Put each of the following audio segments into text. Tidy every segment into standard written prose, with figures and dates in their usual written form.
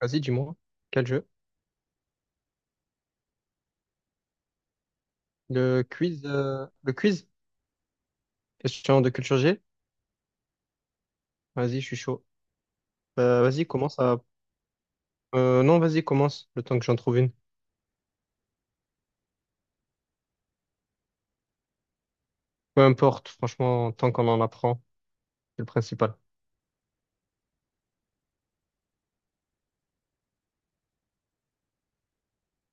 Vas-y, dis-moi, quel jeu? Le quiz? Question de culture G? Vas-y, je suis chaud. Vas-y, commence à— Non, vas-y, commence, le temps que j'en trouve une. Peu importe, franchement, tant qu'on en apprend, c'est le principal.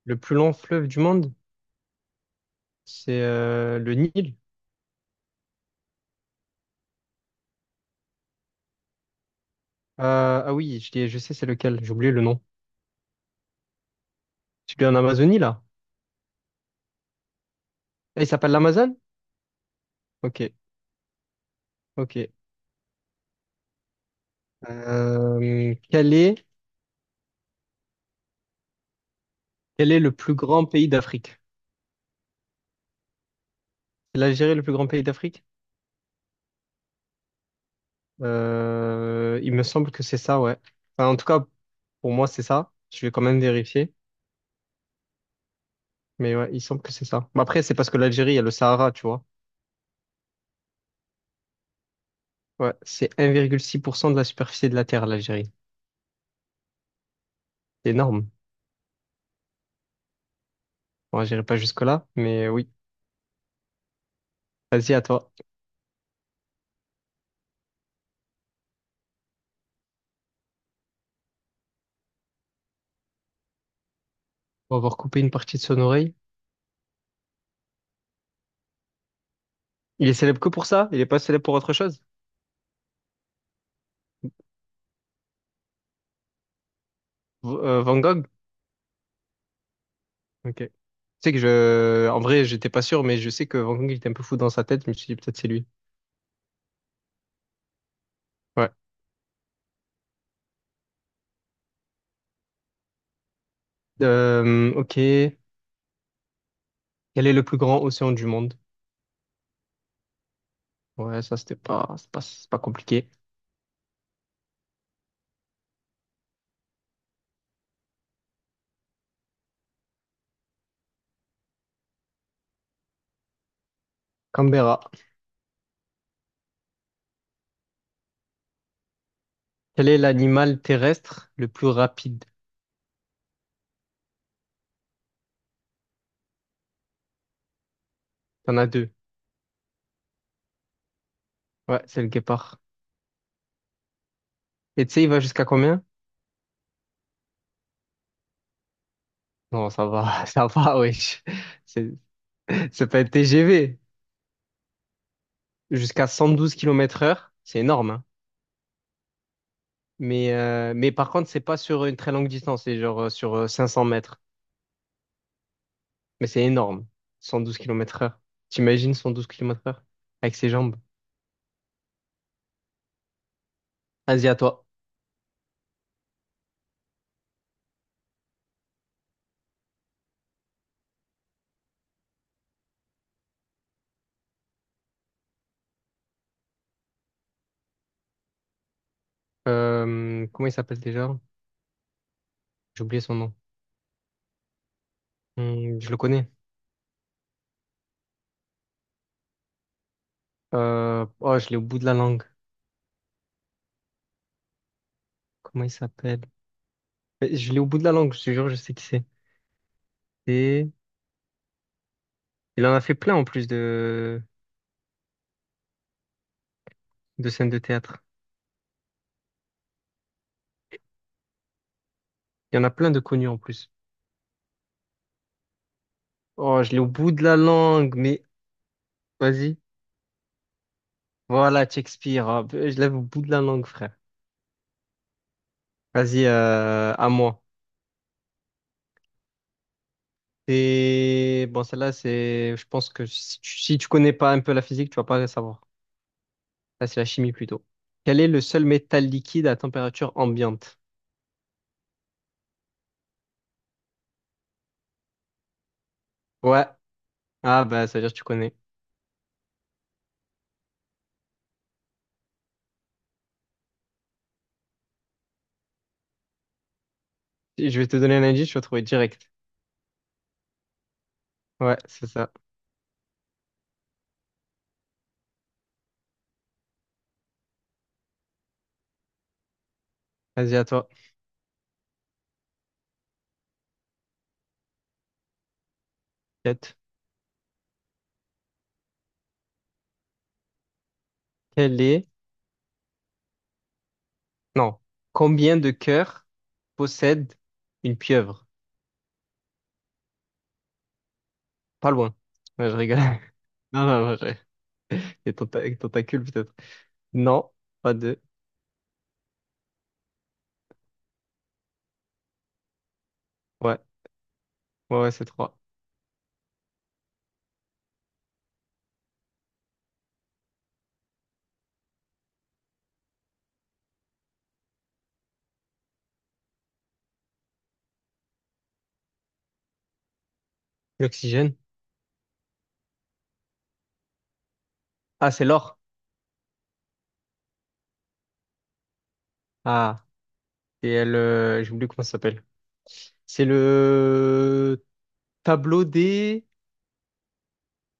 Le plus long fleuve du monde, c'est le Nil. Ah oui, je sais c'est lequel, j'ai oublié le nom. Celui en Amazonie, là? Ah, il s'appelle l'Amazone? Ok, ok. Euh, quel est, quel est le plus grand pays d'Afrique? C'est l'Algérie le plus grand pays d'Afrique? Il me semble que c'est ça, ouais. Enfin, en tout cas, pour moi, c'est ça. Je vais quand même vérifier. Mais ouais, il semble que c'est ça. Mais après, c'est parce que l'Algérie, il y a le Sahara, tu vois. Ouais, c'est 1,6% de la superficie de la Terre, l'Algérie. C'est énorme. Bon, j'irai pas jusque-là, mais oui. Vas-y, à toi. On va avoir coupé une partie de son oreille. Il est célèbre que pour ça? Il est pas célèbre pour autre chose? Van Gogh? Ok. Tu sais que En vrai, j'étais pas sûr, mais je sais que Van Gogh, il était un peu fou dans sa tête. Je me suis dit, peut-être c'est lui. Ouais. Ok. Quel est le plus grand océan du monde? Ouais, ça, c'était pas, c'est pas compliqué. Canberra. Quel est l'animal terrestre le plus rapide? T'en as deux. Ouais, c'est le guépard. Et tu sais, il va jusqu'à combien? Non, ça va, ça va, wesh. C'est, c'est pas un TGV. Jusqu'à 112 kilomètres heure. C'est énorme, hein. Mais par contre, c'est pas sur une très longue distance. C'est genre sur 500 mètres. Mais c'est énorme. 112 kilomètres heure. T'imagines 112 kilomètres heure? Avec ses jambes. Vas-y, à toi. Comment il s'appelle déjà? J'ai oublié son nom. Je le connais. Oh, je l'ai au bout de la langue. Comment il s'appelle? Je l'ai au bout de la langue, je te jure, je sais qui c'est. Et il en a fait plein en plus de scènes de théâtre. Il y en a plein de connus en plus. Oh, je l'ai au bout de la langue, mais vas-y. Voilà, Shakespeare. Ah, je l'avais au bout de la langue, frère. Vas-y, à moi. Et bon, celle-là, c'est, je pense que si tu, connais pas un peu la physique, tu vas pas la savoir. Là, c'est la chimie plutôt. Quel est le seul métal liquide à température ambiante? Ouais. Ah, bah, ça veut dire que tu connais. Si je vais te donner un indice, tu vas trouver direct. Ouais, c'est ça. Vas-y, à toi. Quatre. Quel est... Non. Combien de cœurs possède une pieuvre? Pas loin. Ouais, je rigole. Non, non, non. Et tentacule, peut-être. Non, pas deux. Ouais, ouais, ouais, c'est trois. L'oxygène? Ah, c'est l'or. Ah, j'ai oublié comment ça s'appelle. C'est le tableau des—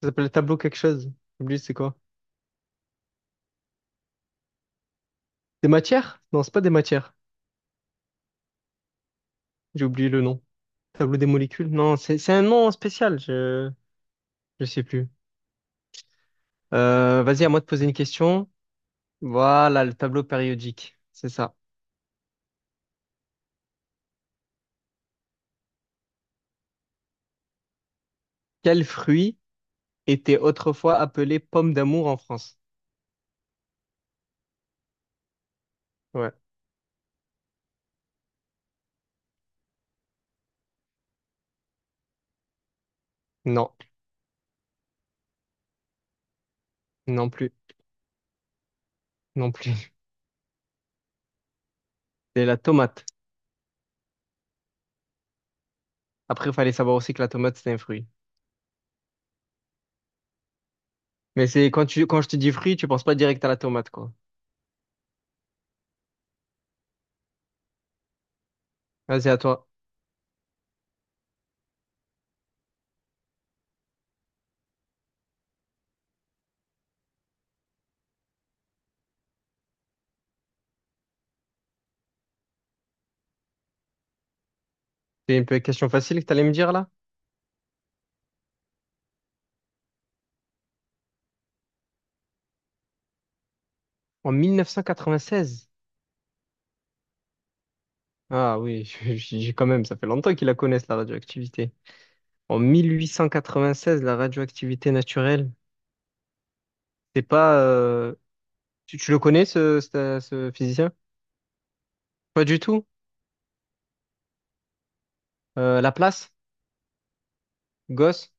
Ça s'appelle le tableau quelque chose. J'ai oublié c'est quoi. Des matières? Non, c'est pas des matières. J'ai oublié le nom. Tableau des molécules? Non, c'est un nom spécial, je sais plus. Vas-y, à moi de poser une question. Voilà, le tableau périodique, c'est ça. Quel fruit était autrefois appelé pomme d'amour en France? Ouais. Non, non plus, non plus. C'est la tomate. Après, il fallait savoir aussi que la tomate, c'est un fruit. Mais c'est quand je te dis fruit, tu penses pas direct à la tomate, quoi. Vas-y, à toi. C'est une question facile que t'allais me dire là? En 1996. Ah oui, j'ai quand même, ça fait longtemps qu'ils la connaissent, la radioactivité. En 1896, la radioactivité naturelle, c'est pas. Tu le connais, ce physicien? Pas du tout. Laplace, Gauss,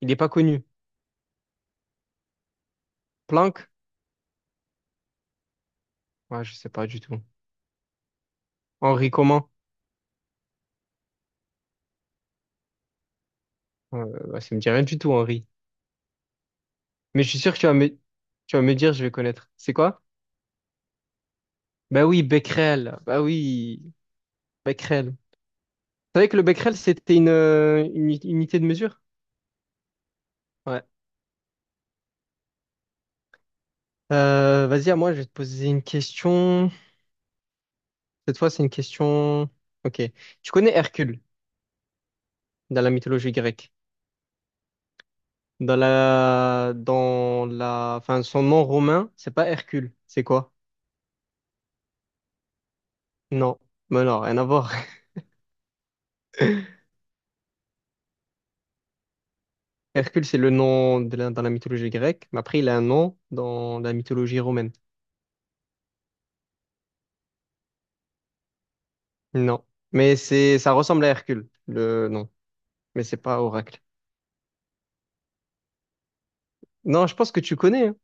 il n'est pas connu. Planck? Ouais, je sais pas du tout. Henri comment? Bah, ça me dit rien du tout, Henri. Mais je suis sûr que tu vas me dire, je vais connaître. C'est quoi? Bah oui, Becquerel. Bah oui, Becquerel. Tu savais que le Becquerel, c'était une unité de mesure? Ouais. Vas-y, à moi, je vais te poser une question. Cette fois, c'est une question. Ok. Tu connais Hercule dans la mythologie grecque. Enfin, son nom romain, c'est pas Hercule. C'est quoi? Non. Mais non, rien à voir. Hercule, c'est le nom dans la mythologie grecque, mais après, il a un nom dans la mythologie romaine. Non. Mais ça ressemble à Hercule, le nom. Mais c'est pas Oracle. Non, je pense que tu connais, hein.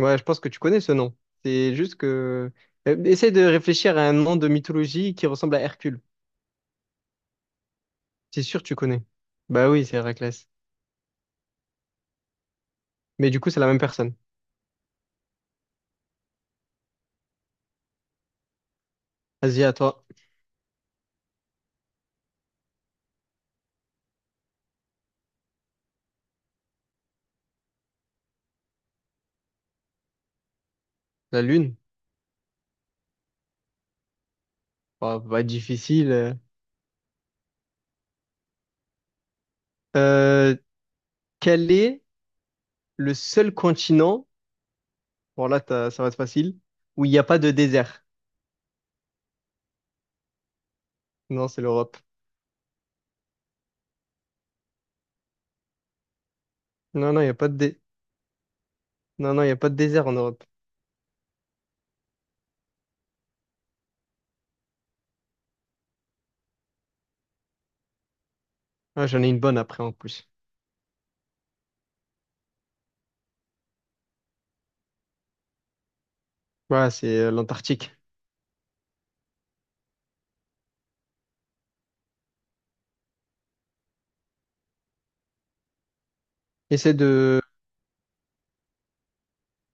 Ouais, je pense que tu connais ce nom. C'est juste que... Essaie de réfléchir à un nom de mythologie qui ressemble à Hercule. C'est sûr, tu connais. Bah oui, c'est Héraclès. Mais du coup, c'est la même personne. Vas-y, à toi. La Lune? Bah, pas difficile. Euh, Quel est le seul continent, bon là, ça va être facile, où il n'y a pas de désert? Non, c'est l'Europe. Non, non, il n'y a pas de non, non, il y a pas de désert en Europe. Ah, j'en ai une bonne après, en plus. Voilà, c'est l'Antarctique. Essaie de...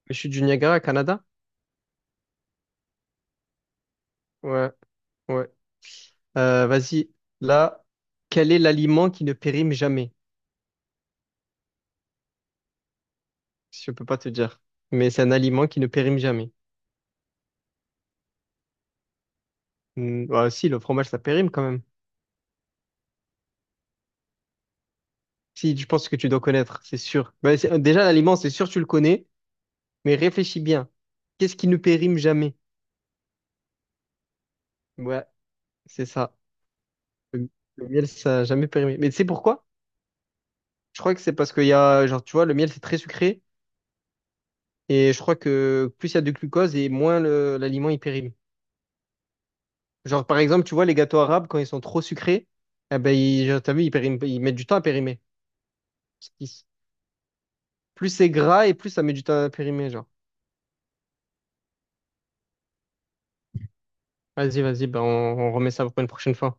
Je suis du Niagara, Canada? Ouais, ouais. Vas-y. Là, quel est l'aliment qui ne périme jamais? Si, je peux pas te dire. Mais c'est un aliment qui ne périme jamais. Bah, si, le fromage, ça périme quand même. Si, je pense que tu dois connaître, c'est sûr. Bah, déjà, l'aliment, c'est sûr, tu le connais, mais réfléchis bien. Qu'est-ce qui ne périme jamais? Ouais, c'est ça. Le, le miel, ça n'a jamais périmé. Mais tu sais pourquoi? Je crois que c'est parce qu'il y a, genre, tu vois, le miel, c'est très sucré. Et je crois que plus il y a de glucose et moins l'aliment, il périme. Genre, par exemple, tu vois, les gâteaux arabes, quand ils sont trop sucrés, eh ben, ils, genre, t'as vu, ils mettent du temps à périmer. Plus c'est gras et plus ça met du temps à périmer, genre. Vas-y, vas-y, bah on remet ça pour une prochaine fois.